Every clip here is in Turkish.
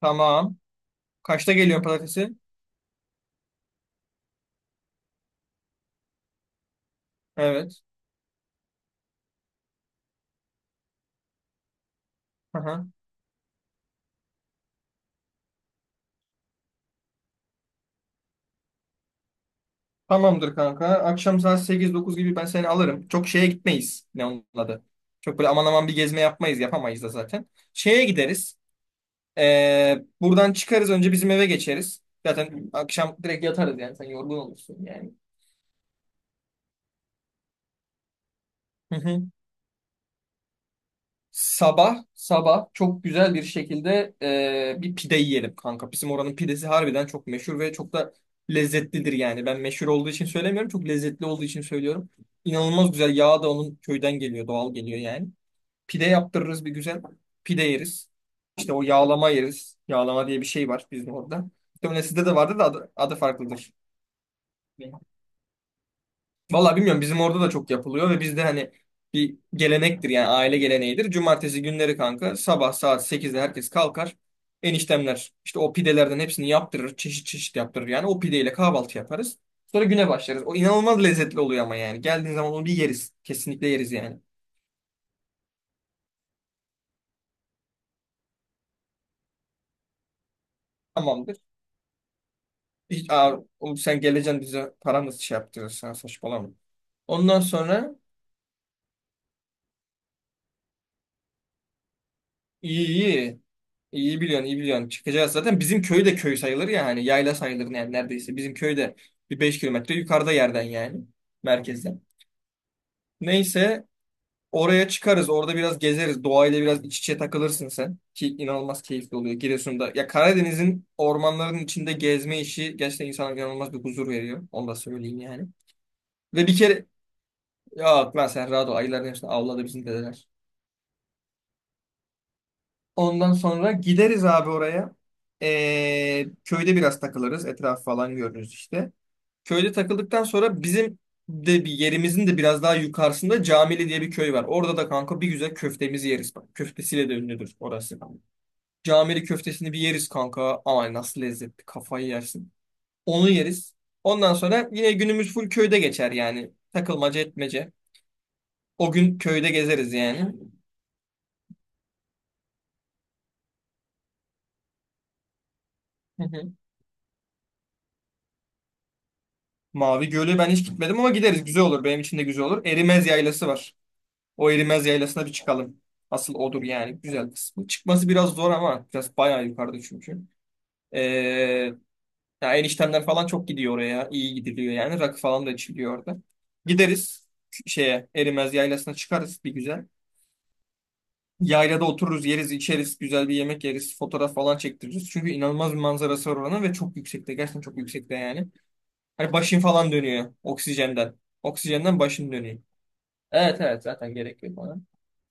Tamam. Kaçta geliyorsun pazartesi? Evet. Aha. Tamamdır kanka. Akşam saat sekiz dokuz gibi ben seni alırım. Çok şeye gitmeyiz. Ne onun adı? Çok böyle aman aman bir gezme yapmayız. Yapamayız da zaten. Şeye gideriz. Buradan çıkarız. Önce bizim eve geçeriz. Zaten akşam direkt yatarız yani. Sen yorgun olursun yani. Sabah sabah çok güzel bir şekilde bir pide yiyelim kanka. Bizim oranın pidesi harbiden çok meşhur ve çok da lezzetlidir yani. Ben meşhur olduğu için söylemiyorum. Çok lezzetli olduğu için söylüyorum. İnanılmaz güzel. Yağ da onun köyden geliyor. Doğal geliyor yani. Pide yaptırırız bir güzel. Pide yeriz. İşte o yağlama yeriz. Yağlama diye bir şey var bizim orada. Muhtemelen sizde de vardı da adı farklıdır. Vallahi bilmiyorum bizim orada da çok yapılıyor ve bizde hani bir gelenektir yani aile geleneğidir. Cumartesi günleri kanka sabah saat 8'de herkes kalkar. Eniştemler işte o pidelerden hepsini yaptırır. Çeşit çeşit yaptırır yani o pideyle kahvaltı yaparız. Sonra güne başlarız. O inanılmaz lezzetli oluyor ama yani. Geldiğin zaman onu bir yeriz. Kesinlikle yeriz yani. Tamamdır. Hiç, aa, oğlum sen geleceksin bize paramız şey yaptırırsan saçmalama. Ondan sonra iyi iyi. İyi biliyorsun, iyi biliyorsun. Çıkacağız zaten. Bizim köy de köy sayılır ya hani yayla sayılır yani neredeyse. Bizim köyde bir 5 kilometre yukarıda yerden yani merkezden. Neyse oraya çıkarız. Orada biraz gezeriz. Doğayla biraz iç içe takılırsın sen. Ki inanılmaz keyifli oluyor Giresun'da. Ya Karadeniz'in ormanların içinde gezme işi gerçekten insana inanılmaz bir huzur veriyor. Onu da söyleyeyim yani. Ve bir kere ya lan sen rahat ol. Ayıların hepsini avladı bizim dedeler. Ondan sonra gideriz abi oraya. Köyde biraz takılırız. Etraf falan görürüz işte. Köyde takıldıktan sonra bizim de bir yerimizin de biraz daha yukarısında Camili diye bir köy var. Orada da kanka bir güzel köftemizi yeriz. Bak köftesiyle de ünlüdür orası. Camili köftesini bir yeriz kanka. Ay nasıl lezzetli kafayı yersin. Onu yeriz. Ondan sonra yine günümüz full köyde geçer yani. Takılmaca etmece. O gün köyde gezeriz yani. Mavi Gölü ben hiç gitmedim ama gideriz. Güzel olur. Benim için de güzel olur. Erimez Yaylası var. O Erimez Yaylası'na bir çıkalım. Asıl odur yani. Güzel kısmı. Çıkması biraz zor ama biraz bayağı yukarıda çünkü. Ee, Ya eniştemler falan çok gidiyor oraya. İyi gidiliyor yani. Rakı falan da içiliyor orada. Gideriz şeye Erimez Yaylası'na çıkarız bir güzel. Yaylada otururuz, yeriz, içeriz, güzel bir yemek yeriz, fotoğraf falan çektiririz. Çünkü inanılmaz bir manzarası var oranın ve çok yüksekte. Gerçekten çok yüksekte yani. Hani başın falan dönüyor oksijenden. Oksijenden başın dönüyor. Evet evet zaten gerek yok ona.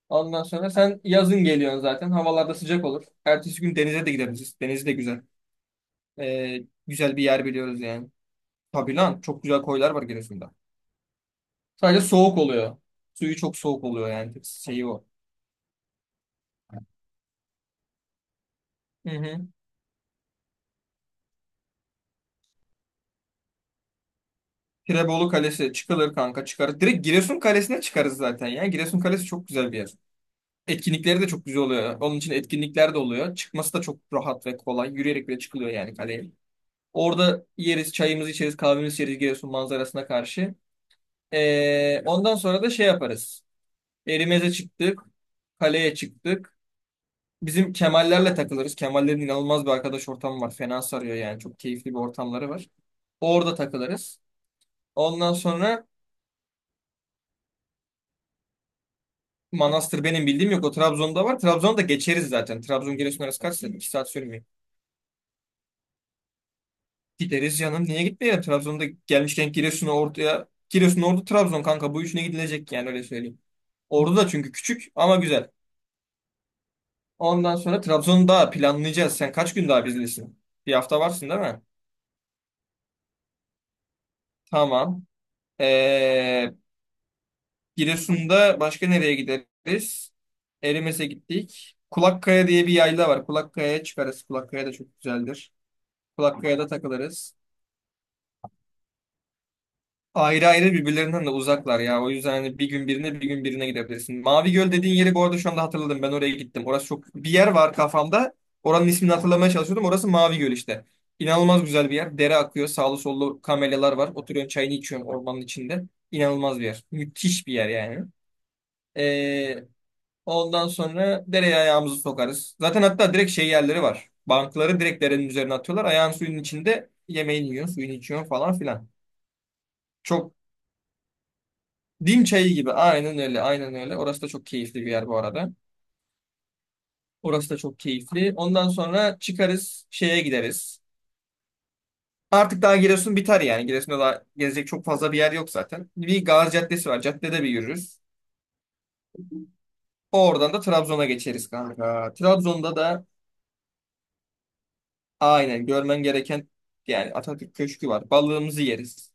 Ondan sonra sen yazın geliyorsun zaten. Havalarda sıcak olur. Ertesi gün denize de gideriz. Deniz de güzel. Ee, Güzel bir yer biliyoruz yani. Tabii lan çok güzel koylar var Giresun'da. Sadece soğuk oluyor. Suyu çok soğuk oluyor yani. Tek şeyi o. Hı hı. Tirebolu Kalesi çıkılır kanka çıkarız. Direkt Giresun Kalesi'ne çıkarız zaten ya. Giresun Kalesi çok güzel bir yer. Etkinlikleri de çok güzel oluyor. Onun için etkinlikler de oluyor. Çıkması da çok rahat ve kolay. Yürüyerek bile çıkılıyor yani kaleye. Orada yeriz, çayımızı içeriz, kahvemizi içeriz Giresun manzarasına karşı. Ondan sonra da şey yaparız. Erimeze çıktık, kaleye çıktık. Bizim Kemallerle takılırız. Kemallerin inanılmaz bir arkadaş ortamı var. Fena sarıyor yani. Çok keyifli bir ortamları var. Orada takılırız. Ondan sonra Manastır benim bildiğim yok. O Trabzon'da var. Trabzon'da geçeriz zaten. Trabzon Giresun arası kaç saat? 2 saat sürmüyor. Gideriz canım. Niye gitmeyelim? Trabzon'da gelmişken Giresun'a ortaya. Giresun, Ordu, Trabzon kanka. Bu üçüne gidilecek yani öyle söyleyeyim. Ordu da çünkü küçük ama güzel. Ondan sonra Trabzon'u daha planlayacağız. Sen kaç gün daha bizdesin? Bir hafta varsın değil mi? Tamam. Ee, Giresun'da başka nereye gideriz? Erimes'e gittik. Kulakkaya diye bir yayla var. Kulakkaya'ya çıkarız. Kulakkaya da çok güzeldir. Kulakkaya'da takılırız. Ayrı ayrı birbirlerinden de uzaklar ya. O yüzden hani bir gün birine bir gün birine gidebilirsin. Mavi Göl dediğin yeri bu arada şu anda hatırladım. Ben oraya gittim. Orası çok bir yer var kafamda. Oranın ismini hatırlamaya çalışıyordum. Orası Mavi Göl işte. İnanılmaz güzel bir yer. Dere akıyor. Sağlı sollu kamelyalar var. Oturuyorsun çayını içiyorsun ormanın içinde. İnanılmaz bir yer. Müthiş bir yer yani. Ee, Ondan sonra dereye ayağımızı sokarız. Zaten hatta direkt şey yerleri var. Bankları direkt derenin üzerine atıyorlar. Ayağın suyun içinde yemeğini yiyorsun, suyunu içiyorsun falan filan. Çok Dim çayı gibi. Aynen öyle. Aynen öyle. Orası da çok keyifli bir yer bu arada. Orası da çok keyifli. Ondan sonra çıkarız şeye gideriz. Artık daha Giresun biter yani. Giresun'da daha gezecek çok fazla bir yer yok zaten. Bir Gazi Caddesi var. Caddede bir yürürüz. Oradan da Trabzon'a geçeriz kanka. Trabzon'da da aynen görmen gereken yani Atatürk Köşkü var. Balığımızı yeriz.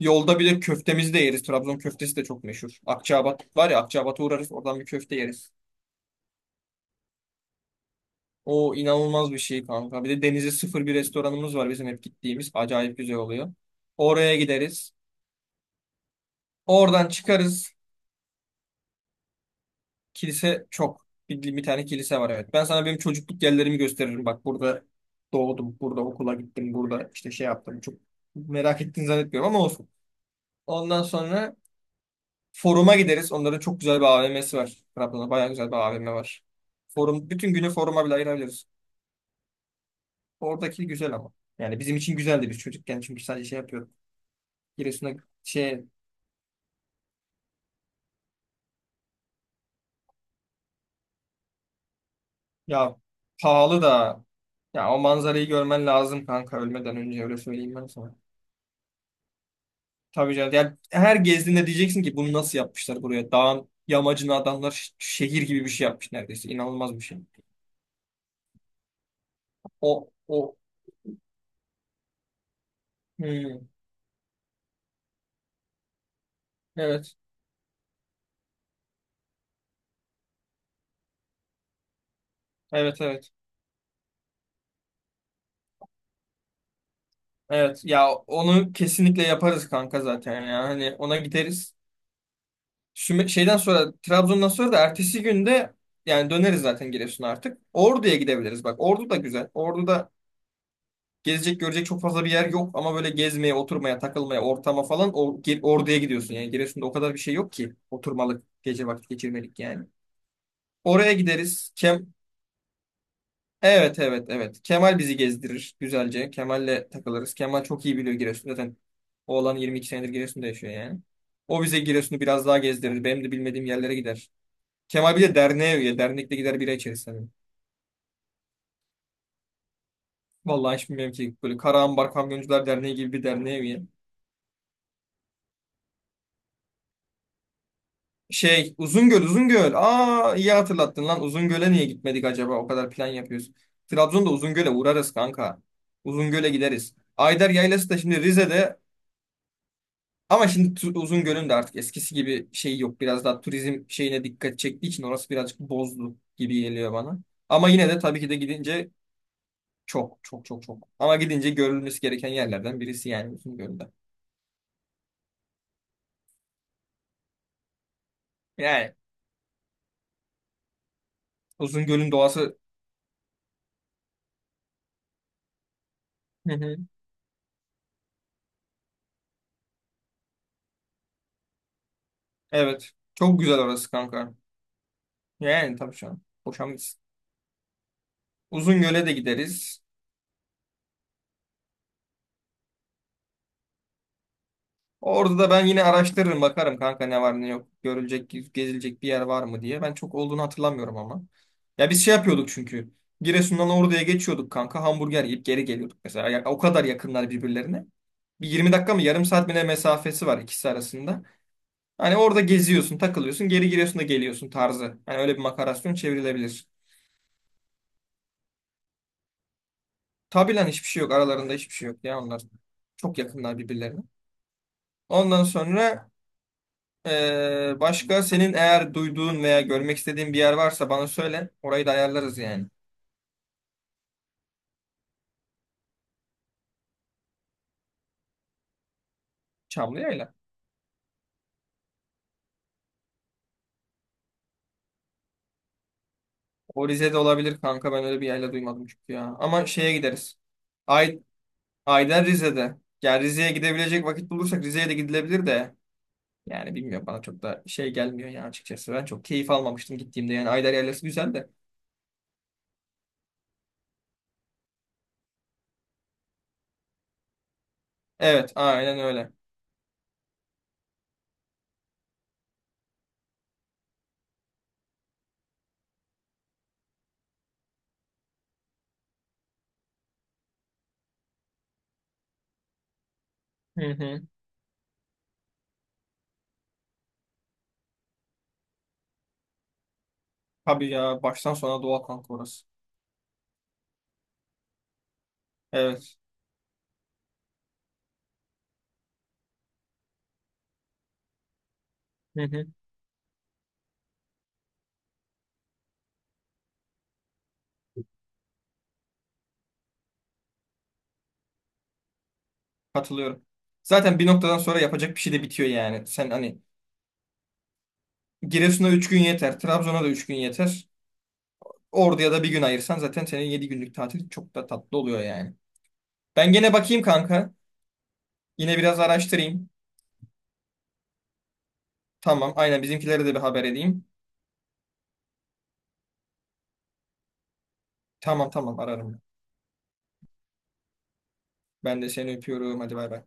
Yolda bir de köftemizi de yeriz. Trabzon köftesi de çok meşhur. Akçaabat var ya Akçaabat'a uğrarız. Oradan bir köfte yeriz. O inanılmaz bir şey kanka. Bir de denize sıfır bir restoranımız var bizim hep gittiğimiz. Acayip güzel oluyor. Oraya gideriz. Oradan çıkarız. Kilise çok. Bir tane kilise var evet. Ben sana benim çocukluk yerlerimi gösteririm. Bak burada doğdum. Burada okula gittim. Burada işte şey yaptım. Çok merak ettiğini zannetmiyorum ama olsun. Ondan sonra foruma gideriz. Onların çok güzel bir AVM'si var. Trabzon'da bayağı güzel bir AVM var. Forum, bütün günü foruma bile ayırabiliriz. Oradaki güzel ama. Yani bizim için güzeldi biz çocukken çünkü sadece şey yapıyorduk. Giresun'a şey ya pahalı da ya o manzarayı görmen lazım kanka ölmeden önce öyle söyleyeyim ben sana. Tabii canım. Ya her gezdiğinde diyeceksin ki bunu nasıl yapmışlar buraya? Dağın yamacına adamlar şehir gibi bir şey yapmış neredeyse. İnanılmaz bir şey. O o Hmm, evet. Evet evet. Evet ya onu kesinlikle yaparız kanka zaten ya. Hani ona gideriz. Şeyden sonra Trabzon'dan sonra da ertesi günde yani döneriz zaten Giresun'a artık. Ordu'ya gidebiliriz bak. Ordu da güzel. Ordu'da gezecek görecek çok fazla bir yer yok ama böyle gezmeye, oturmaya, takılmaya, ortama falan o, Ordu'ya gidiyorsun. Yani Giresun'da o kadar bir şey yok ki oturmalık, gece vakit geçirmelik yani. Oraya gideriz. Evet evet evet. Kemal bizi gezdirir güzelce. Kemal'le takılırız. Kemal çok iyi biliyor Giresun. Zaten oğlan 22 senedir Giresun'da yaşıyor yani. O bize Giresun'u biraz daha gezdirir. Benim de bilmediğim yerlere gider. Kemal bir de derneğe üye. Dernekte gider bira içeriz. Hani. Vallahi hiç bilmiyorum ki. Böyle Karaambar Kamyoncular Derneği gibi bir derneğe üye. Şey Uzungöl Uzungöl. Aa iyi hatırlattın lan. Uzungöl'e niye gitmedik acaba? O kadar plan yapıyoruz. Trabzon'da Uzungöl'e uğrarız kanka. Uzungöl'e gideriz. Ayder Yaylası da şimdi Rize'de ama şimdi Uzungöl'ün de artık eskisi gibi şey yok. Biraz daha turizm şeyine dikkat çektiği için orası birazcık bozdu gibi geliyor bana. Ama yine de tabii ki de gidince çok çok çok çok. Ama gidince görülmesi gereken yerlerden birisi yani Uzungöl'de. Yani Uzungöl'ün doğası. Hı hı. Evet, çok güzel orası kanka. Yani tabii şu an. Uzungöl'e de gideriz. Orada da ben yine araştırırım bakarım kanka ne var ne yok. Görülecek, gezilecek bir yer var mı diye. Ben çok olduğunu hatırlamıyorum ama. Ya biz şey yapıyorduk çünkü. Giresun'dan Ordu'ya geçiyorduk kanka. Hamburger yiyip geri geliyorduk mesela. Ya, o kadar yakınlar birbirlerine. Bir 20 dakika mı yarım saat mi ne mesafesi var ikisi arasında. Hani orada geziyorsun, takılıyorsun, geri Giresun'da geliyorsun tarzı. Hani öyle bir makarasyon çevrilebilir. Tabi lan hiçbir şey yok. Aralarında hiçbir şey yok ya onlar. Çok yakınlar birbirlerine. Ondan sonra başka senin eğer duyduğun veya görmek istediğin bir yer varsa bana söyle. Orayı da ayarlarız yani. Çamlıyayla. O Rize'de olabilir kanka ben öyle bir yerle duymadım çünkü ya. Ama şeye gideriz. Ay Ayden Rize'de. Yani Rize'ye gidebilecek vakit bulursak Rize'ye de gidilebilir de. Yani bilmiyorum bana çok da şey gelmiyor ya açıkçası. Ben çok keyif almamıştım gittiğimde yani Ayder yaylası güzel de. Evet aynen öyle. Hı hı. Tabii ya baştan sona doğa kanka orası. Evet. Hı hı. Katılıyorum. Zaten bir noktadan sonra yapacak bir şey de bitiyor yani. Sen hani Giresun'a 3 gün yeter, Trabzon'a da 3 gün yeter. Ordu'ya da bir gün ayırsan zaten senin 7 günlük tatil çok da tatlı oluyor yani. Ben gene bakayım kanka. Yine biraz araştırayım. Tamam, aynen bizimkilere de bir haber edeyim. Tamam tamam ararım. Ben de seni öpüyorum. Hadi bay bay.